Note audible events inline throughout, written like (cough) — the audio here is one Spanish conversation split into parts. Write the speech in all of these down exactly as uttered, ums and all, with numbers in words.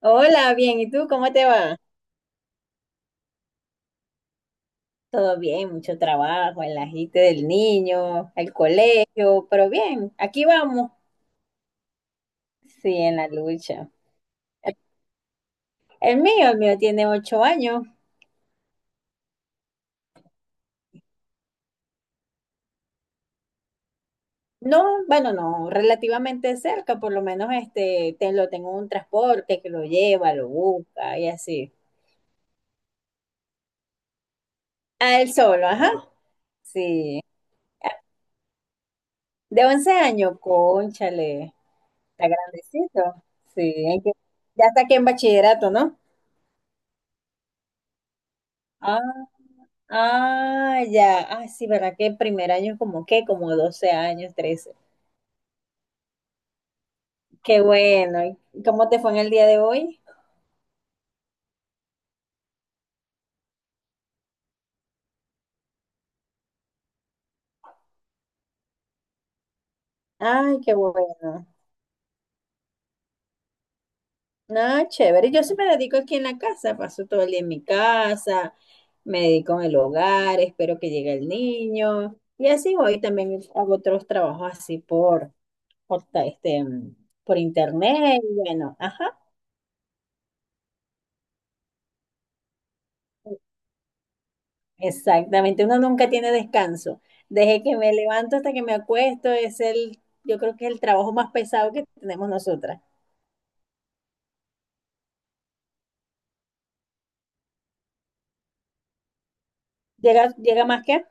Hola, bien, ¿y tú cómo te va? Todo bien, mucho trabajo, el agite del niño, el colegio, pero bien, aquí vamos. Sí, en la lucha. El mío, el mío tiene ocho años. No, bueno, no, relativamente cerca, por lo menos este, te, lo tengo en un transporte que lo lleva, lo busca y así. A él solo, ajá. Sí. De once años, cónchale, está grandecito. Sí, hay que- ya está aquí en bachillerato, ¿no? Ah, ya. Ah, sí, ¿verdad? Que el primer año es como qué, como doce años, trece. Qué bueno. ¿Y cómo te fue en el día de hoy? Ay, qué bueno. No, chévere. Yo sí me dedico aquí en la casa, paso todo el día en mi casa, me dedico en el hogar, espero que llegue el niño. Y así voy, también hago otros trabajos así por, por ta- este, mm, por internet. Y bueno, ajá. Exactamente, uno nunca tiene descanso. Desde que me levanto hasta que me acuesto es el, yo creo que es el trabajo más pesado que tenemos nosotras. Llega, llega más que.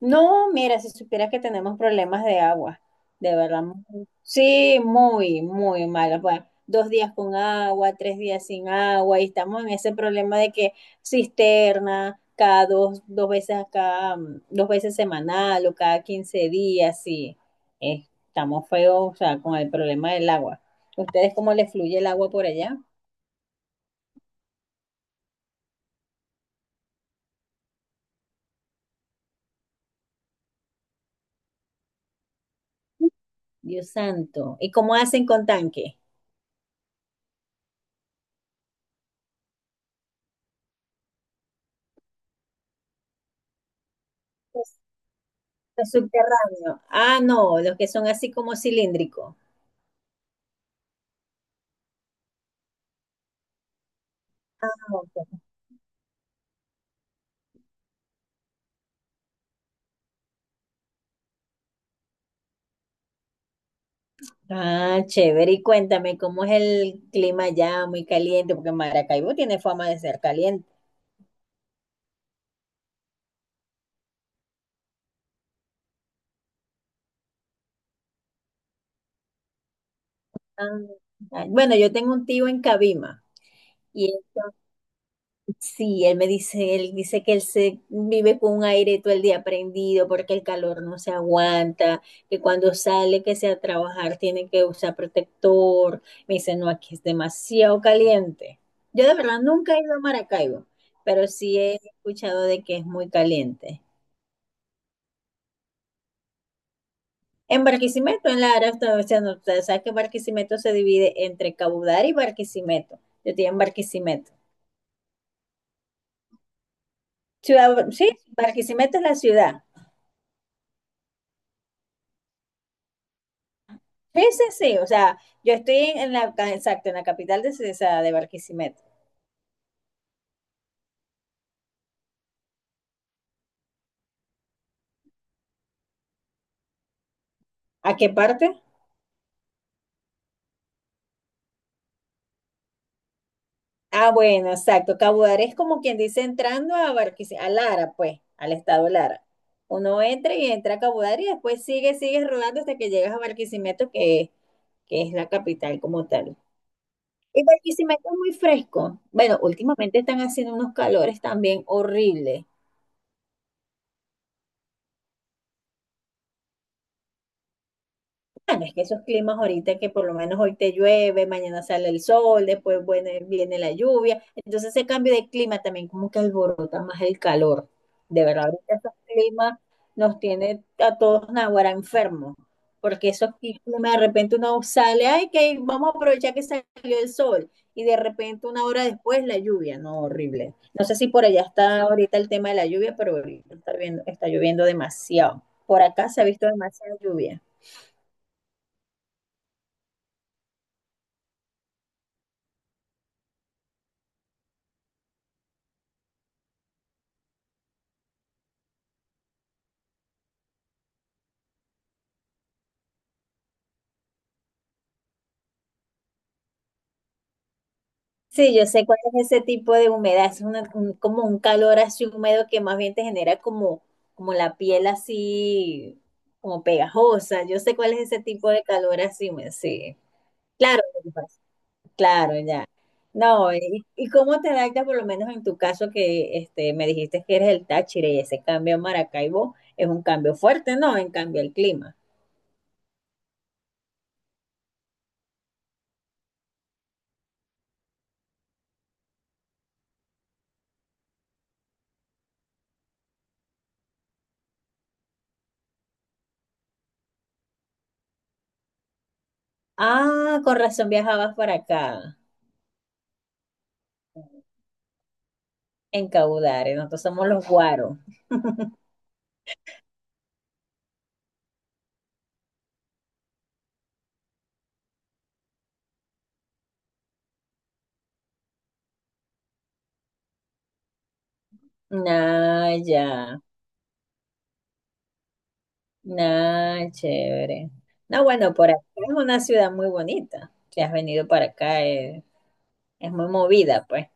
No, mira, si supieras que tenemos problemas de agua, de verdad. mu- Sí, muy, muy mal. Bueno, dos días con agua, tres días sin agua, y estamos en ese problema de que cisterna cada dos, dos veces, cada mm, dos veces semanal o cada quince días, sí. Eh, estamos feos, o sea, con el problema del agua. ¿Ustedes cómo les fluye el agua por allá? Dios santo. ¿Y cómo hacen con tanque? Los los subterráneos. Ah, no, los que son así como cilíndricos. Ah, chévere. Y cuéntame, ¿cómo es el clima allá? Muy caliente, porque Maracaibo tiene fama de ser caliente. Ah, Ah, Bueno, yo tengo un tío en Cabima y él, sí, él me dice, él dice que él se vive con un aire todo el día prendido porque el calor no se aguanta, que cuando sale que sea a trabajar tiene que usar protector. Me dice, no, aquí es demasiado caliente. Yo de verdad nunca he ido a Maracaibo, pero sí he escuchado de que es muy caliente. En Barquisimeto, en Lara, área, está- o sea, no, ustedes saben que Barquisimeto se divide entre Cabudare y Barquisimeto. Yo estoy en Barquisimeto. Ciudad, sí, Barquisimeto es la ciudad. Sí, sí, sí. O sea, yo estoy en, en la, exacto, en la capital de, esa- de Barquisimeto. ¿A qué parte? Ah, bueno, exacto. Cabudare es como quien dice entrando a Barquisimeto, a Lara, pues, al estado Lara. Uno entra y entra a Cabudare y después sigue, sigue rodando hasta que llegas a Barquisimeto, que, que es la capital como tal. El Barquisimeto es muy fresco. Bueno, últimamente están haciendo unos calores también horribles. Bueno, es que esos climas ahorita que por lo menos hoy te llueve, mañana sale el sol, después bueno, viene la lluvia, entonces ese cambio de clima también como que alborota más el calor. De verdad, ahorita esos climas nos tiene a todos naguará enfermos, porque esos climas de repente uno sale, ay, que vamos a aprovechar que salió el sol, y de repente una hora después la lluvia, no, horrible. No sé si por allá está ahorita el tema de la lluvia, pero ahorita está, viendo- está lloviendo demasiado. Por acá se ha visto demasiada lluvia. Sí, yo sé cuál es ese tipo de humedad, es una- un- como un calor así húmedo que más bien te genera como, como la piel así, como pegajosa. Yo sé cuál es ese tipo de calor así húmedo, sí. Claro, lo que pasa, claro, ya. No, ¿y, y cómo te adaptas, por lo menos en tu caso, que este, me dijiste que eres el Táchira y ese cambio a Maracaibo es un cambio fuerte, ¿no? En cambio el clima. Ah, con razón viajabas para acá, en Caudare, nosotros somos los guaros. Ah, ya. Nah, chévere. No, bueno, por acá es una ciudad muy bonita. Si has venido para acá, eh, es muy movida, pues.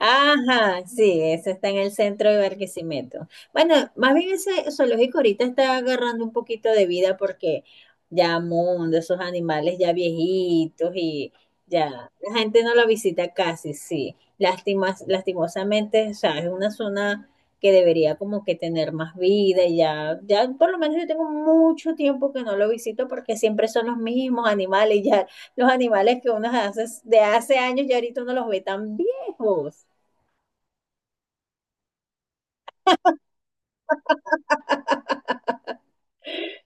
Ajá, sí, ese está en el centro de Barquisimeto. Bueno, más bien ese zoológico ahorita está agarrando un poquito de vida porque ya mundo, esos animales ya viejitos y ya la gente no lo visita casi, sí. Lástimas, lastimosamente, o sea, es una zona que debería como que tener más vida y ya, ya por lo menos yo tengo mucho tiempo que no lo visito porque siempre son los mismos animales, ya los animales que uno hace de hace años ya ahorita uno los ve tan viejos.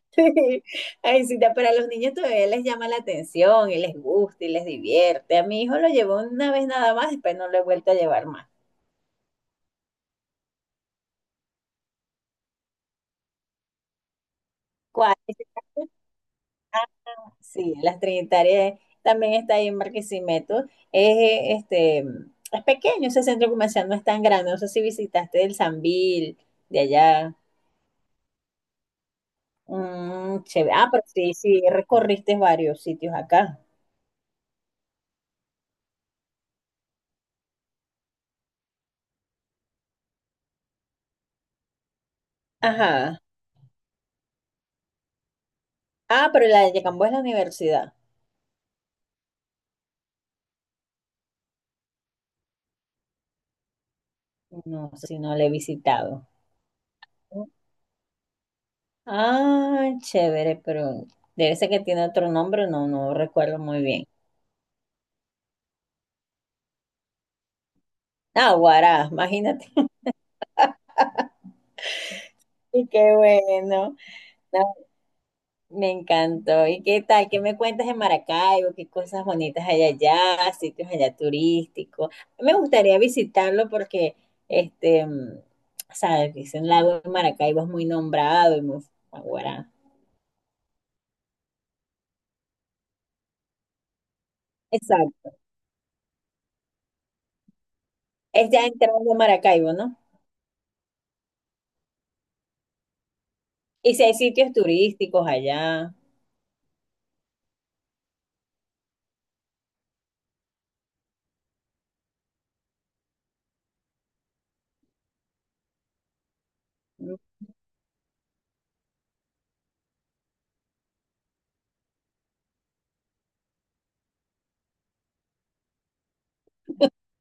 (laughs) Sí. Ay, sí, da- pero a los niños todavía les llama la atención y les gusta y les divierte. A mi hijo lo llevó una vez nada más, después no lo he vuelto a llevar más. ¿Cuál? Ah, sí, las Trinitarias también está ahí en Barquisimeto. Es, eh, este, es pequeño ese centro comercial, no es tan grande. No sé si visitaste el Sambil de allá. Mm, chévere. Ah, pero sí, sí, recorriste varios sitios acá. Ajá. Ah, pero la de Yacambo es la universidad. No, si no la he visitado. Ah, chévere, pero debe ser que tiene otro nombre, no, no recuerdo muy bien. Ah, Guará, imagínate. (laughs) Y qué bueno. No, me encantó. ¿Y qué tal? ¿Qué me cuentas de Maracaibo? ¿Qué cosas bonitas hay allá? ¿Sitios allá turísticos? Me gustaría visitarlo porque, este, mm, sabes, dicen lago de Maracaibo es muy nombrado y muy ah, Guará. Exacto. Es ya entrando a Maracaibo, ¿no? Y si hay sitios turísticos allá.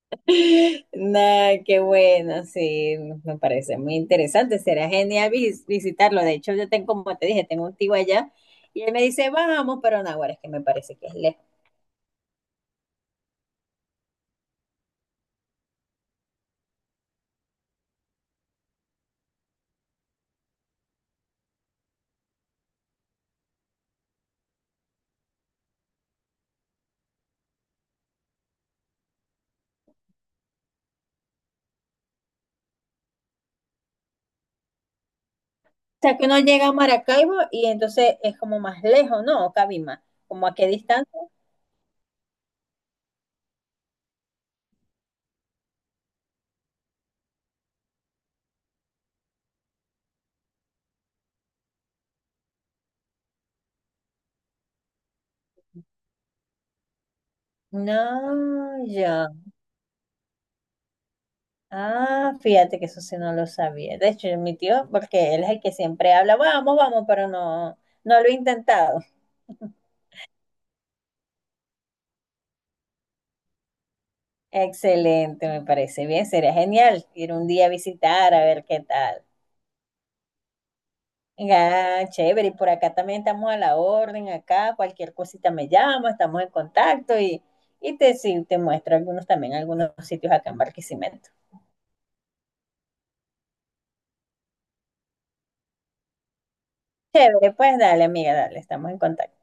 (laughs) Nah, qué bueno, sí, me parece muy interesante, será genial vis- visitarlo. De hecho, yo tengo, como te dije, tengo un tío allá y él me dice, vamos, pero Naguará es que me parece que es lejos. O sea, que uno llega a Maracaibo y entonces es como más lejos, ¿no? O Cabima, ¿como a qué distancia? No, ya. Ah, fíjate que eso sí no lo sabía. De hecho, mi tío, porque él es el que siempre habla, vamos, vamos, pero no, no lo he intentado. Excelente, me parece bien. Sería genial ir un día a visitar a ver qué tal. Ah, chévere. Y por acá también estamos a la orden, acá cualquier cosita me llama, estamos en contacto y, y te, sí, te muestro algunos también, algunos sitios acá en Barquisimeto. Chévere, pues dale, amiga, dale, estamos en contacto.